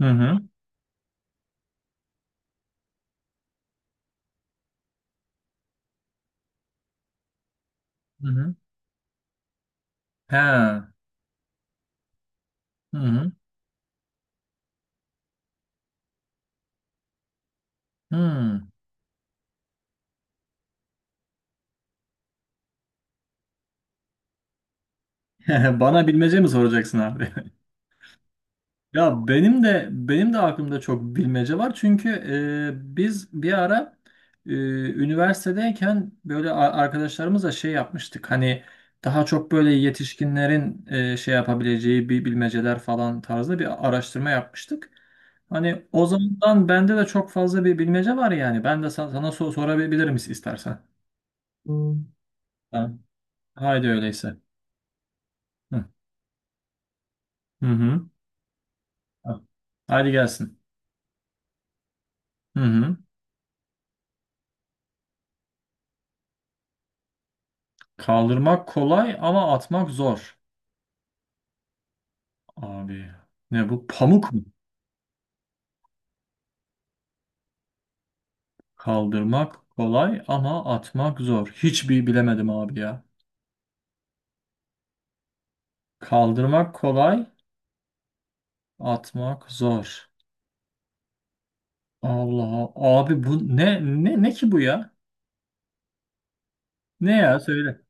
Hı hı. Hı hı. He. Hı hı. Hı. Bana bilmece mi soracaksın abi? Ya benim de aklımda çok bilmece var. Çünkü biz bir ara e, üniversitedeyken böyle arkadaşlarımızla şey yapmıştık. Hani daha çok böyle yetişkinlerin şey yapabileceği bir bilmeceler falan tarzda bir araştırma yapmıştık. Hani o zamandan bende de çok fazla bir bilmece var yani. Ben de sana sorabilirim istersen. Hmm. Tamam. Haydi öyleyse. Hı hı. Hı. Hadi gelsin. Hı hı. Kaldırmak kolay ama atmak zor. Abi ne bu? Pamuk mu? Kaldırmak kolay ama atmak zor. Hiçbir bilemedim abi ya. Kaldırmak kolay, atmak zor. Allah abi bu ne ki bu ya? Ne ya söyle.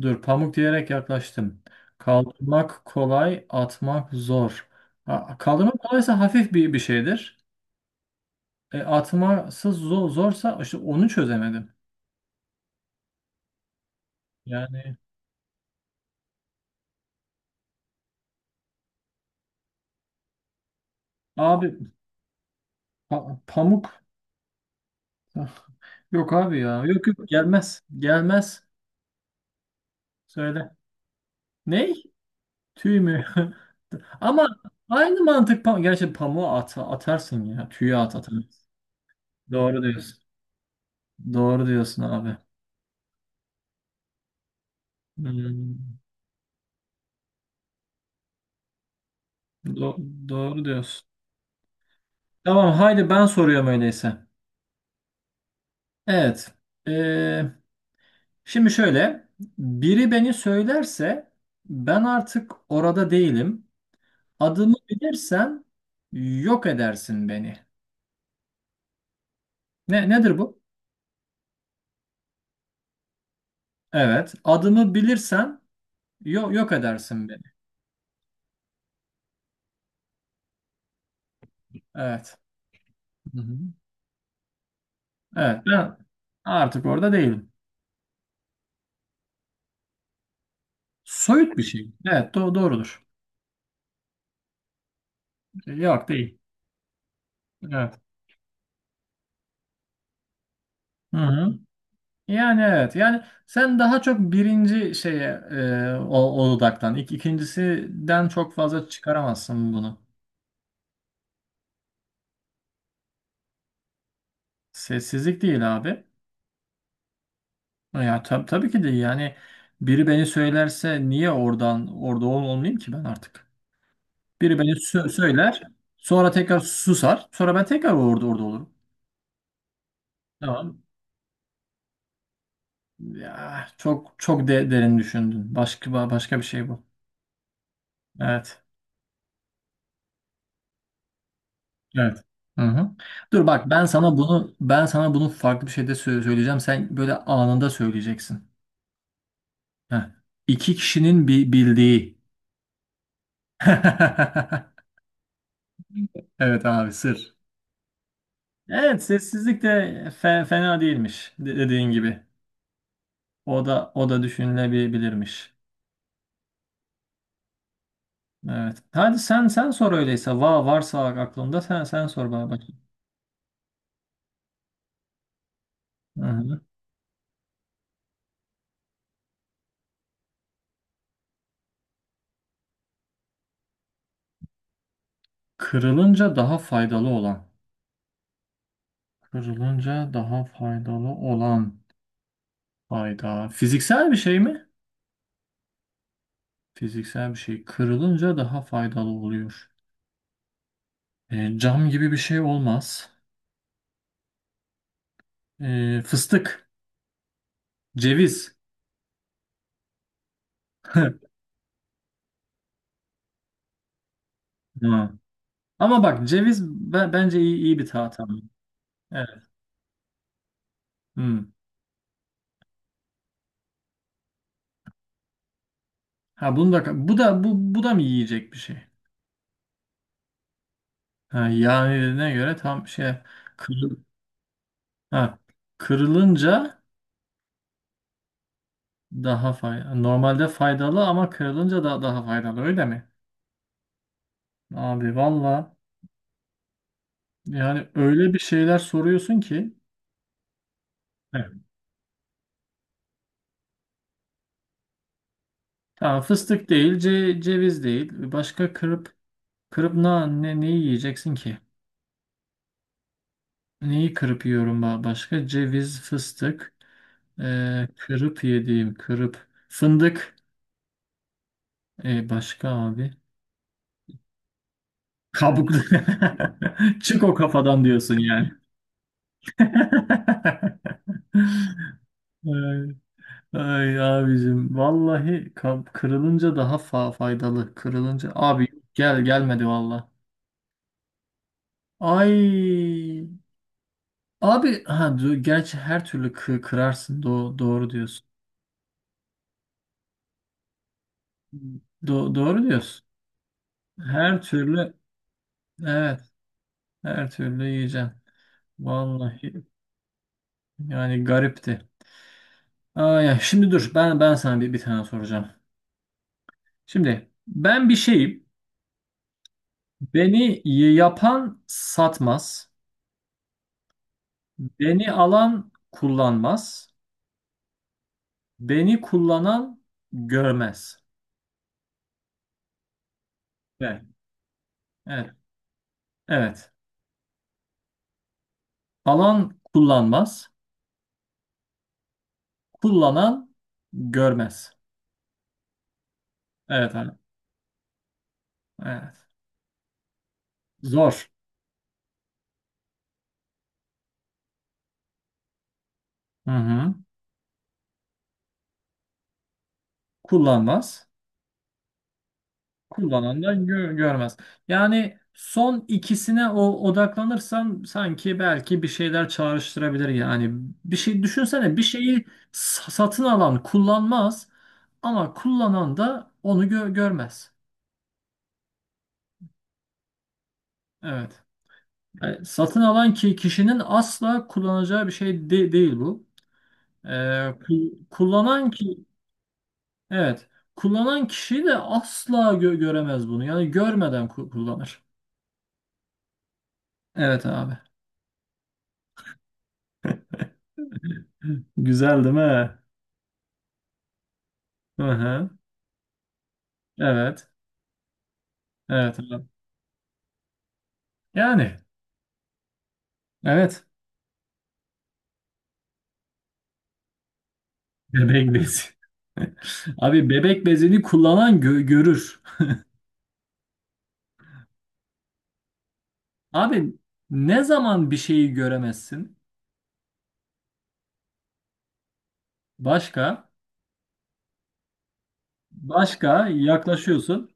Dur pamuk diyerek yaklaştım. Kaldırmak kolay, atmak zor. Ha, kaldırmak kolaysa hafif bir şeydir. E, atması zor, zorsa işte onu çözemedim. Yani abi pamuk. Yok abi ya. Yok gelmez. Gelmez. Söyle. Ney? Tüy mü? Ama aynı mantık pamuk. Gerçi pamuğu at, atarsın ya. Tüyü at atarsın. Doğru diyorsun. Doğru diyorsun abi. Hmm, doğru diyorsun. Tamam haydi ben soruyorum öyleyse. Evet. Şimdi şöyle, biri beni söylerse ben artık orada değilim. Adımı bilirsen yok edersin beni. Ne nedir bu? Evet, adımı bilirsen yok edersin beni. Evet. Hı hı. Evet, ben artık orada değilim. Soyut bir şey. Evet, do doğrudur. Yok değil. Evet. Hı hı. Yani evet. Yani sen daha çok birinci şeye o, o dudaktan. İkincisinden çok fazla çıkaramazsın bunu. Sessizlik değil abi. Ya tabii ki değil. Yani biri beni söylerse niye oradan orada olmayayım ki ben artık? Biri beni söyler, sonra tekrar susar, sonra ben tekrar orada olurum. Tamam. Ya çok de derin düşündün. Başka başka bir şey bu. Evet. Evet. Hı hı. Dur bak ben sana bunu farklı bir şeyde söyleyeceğim. Sen böyle anında söyleyeceksin. Heh. İki kişinin bildiği. Evet abi sır. Evet sessizlik de fena değilmiş dediğin gibi. O da düşünülebilirmiş. Evet. Hadi sen sor öyleyse. Varsa aklında sen sor bana bakayım. Hı-hı. Kırılınca daha faydalı olan. Kırılınca daha faydalı olan fayda. Fiziksel bir şey mi? Fiziksel bir şey. Kırılınca daha faydalı oluyor. E, cam gibi bir şey olmaz. E, fıstık, ceviz. Hı. Ama bak ceviz bence iyi bir tahta. Hmm. Ha bunu da bu da mı yiyecek bir şey? Ha yağına göre tam şey kırıl, ha, kırılınca daha faydalı. Normalde faydalı ama kırılınca da daha faydalı öyle mi? Abi valla yani öyle bir şeyler soruyorsun ki. Evet, tamam fıstık değil, ceviz değil. Başka kırıp ne ne neyi yiyeceksin ki? Neyi kırıp yiyorum başka? Ceviz, fıstık, kırıp yediğim, kırıp fındık. E başka abi? Kabuklu. Çık o kafadan diyorsun yani. Ay, ay abicim vallahi kırılınca daha faydalı. Kırılınca abi gelmedi valla. Ay abi ha gerçi her türlü kırarsın. Do doğru diyorsun. Do doğru diyorsun. Her türlü evet her türlü yiyeceğim. Vallahi yani garipti. Aa, ya şimdi dur ben sana bir tane soracağım. Şimdi ben bir şeyim. Beni yapan satmaz. Beni alan kullanmaz. Beni kullanan görmez. Evet. Evet. Evet. Alan kullanmaz. Kullanan görmez. Evet abi. Evet. Zor. Hı hı. Kullanmaz. Kullanan da görmez. Yani son ikisine o odaklanırsam sanki belki bir şeyler çağrıştırabilir yani. Bir şey düşünsene bir şeyi satın alan kullanmaz ama kullanan da onu görmez. Evet. Yani satın alan ki kişinin asla kullanacağı bir şey değil bu. Ee, kullanan ki evet kullanan kişi de asla göremez bunu. Yani görmeden kullanır. Evet abi. Güzel değil mi? Hı hı. Evet. Evet. Evet. Yani evet. Bebek bezi. Abi bebek bezini kullanan görür. Abi ne zaman bir şeyi göremezsin? Başka? Başka yaklaşıyorsun.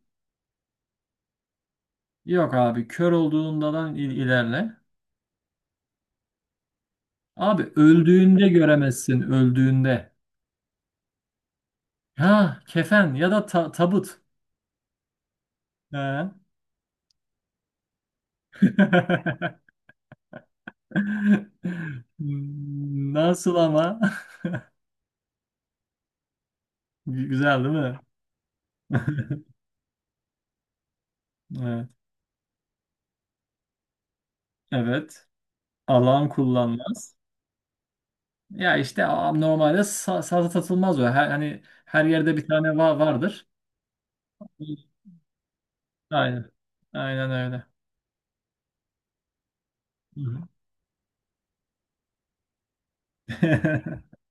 Yok abi kör olduğundan ilerle. Abi öldüğünde göremezsin öldüğünde. Ha kefen ya da tabut. Ha. Nasıl ama? Güzel değil mi? Evet. Evet. Alan kullanmaz. Ya işte normalde sazı satılmaz o. Her, hani her yerde bir tane vardır. Aynen. Aynen öyle. Hı hı.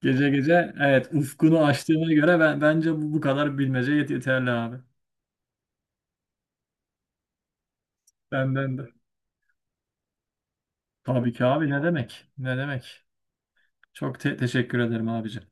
Gece gece evet ufkunu açtığına göre ben bence bu kadar bilmece yeterli abi. Benden de. Tabii ki abi ne demek? Ne demek? Çok teşekkür ederim abicim.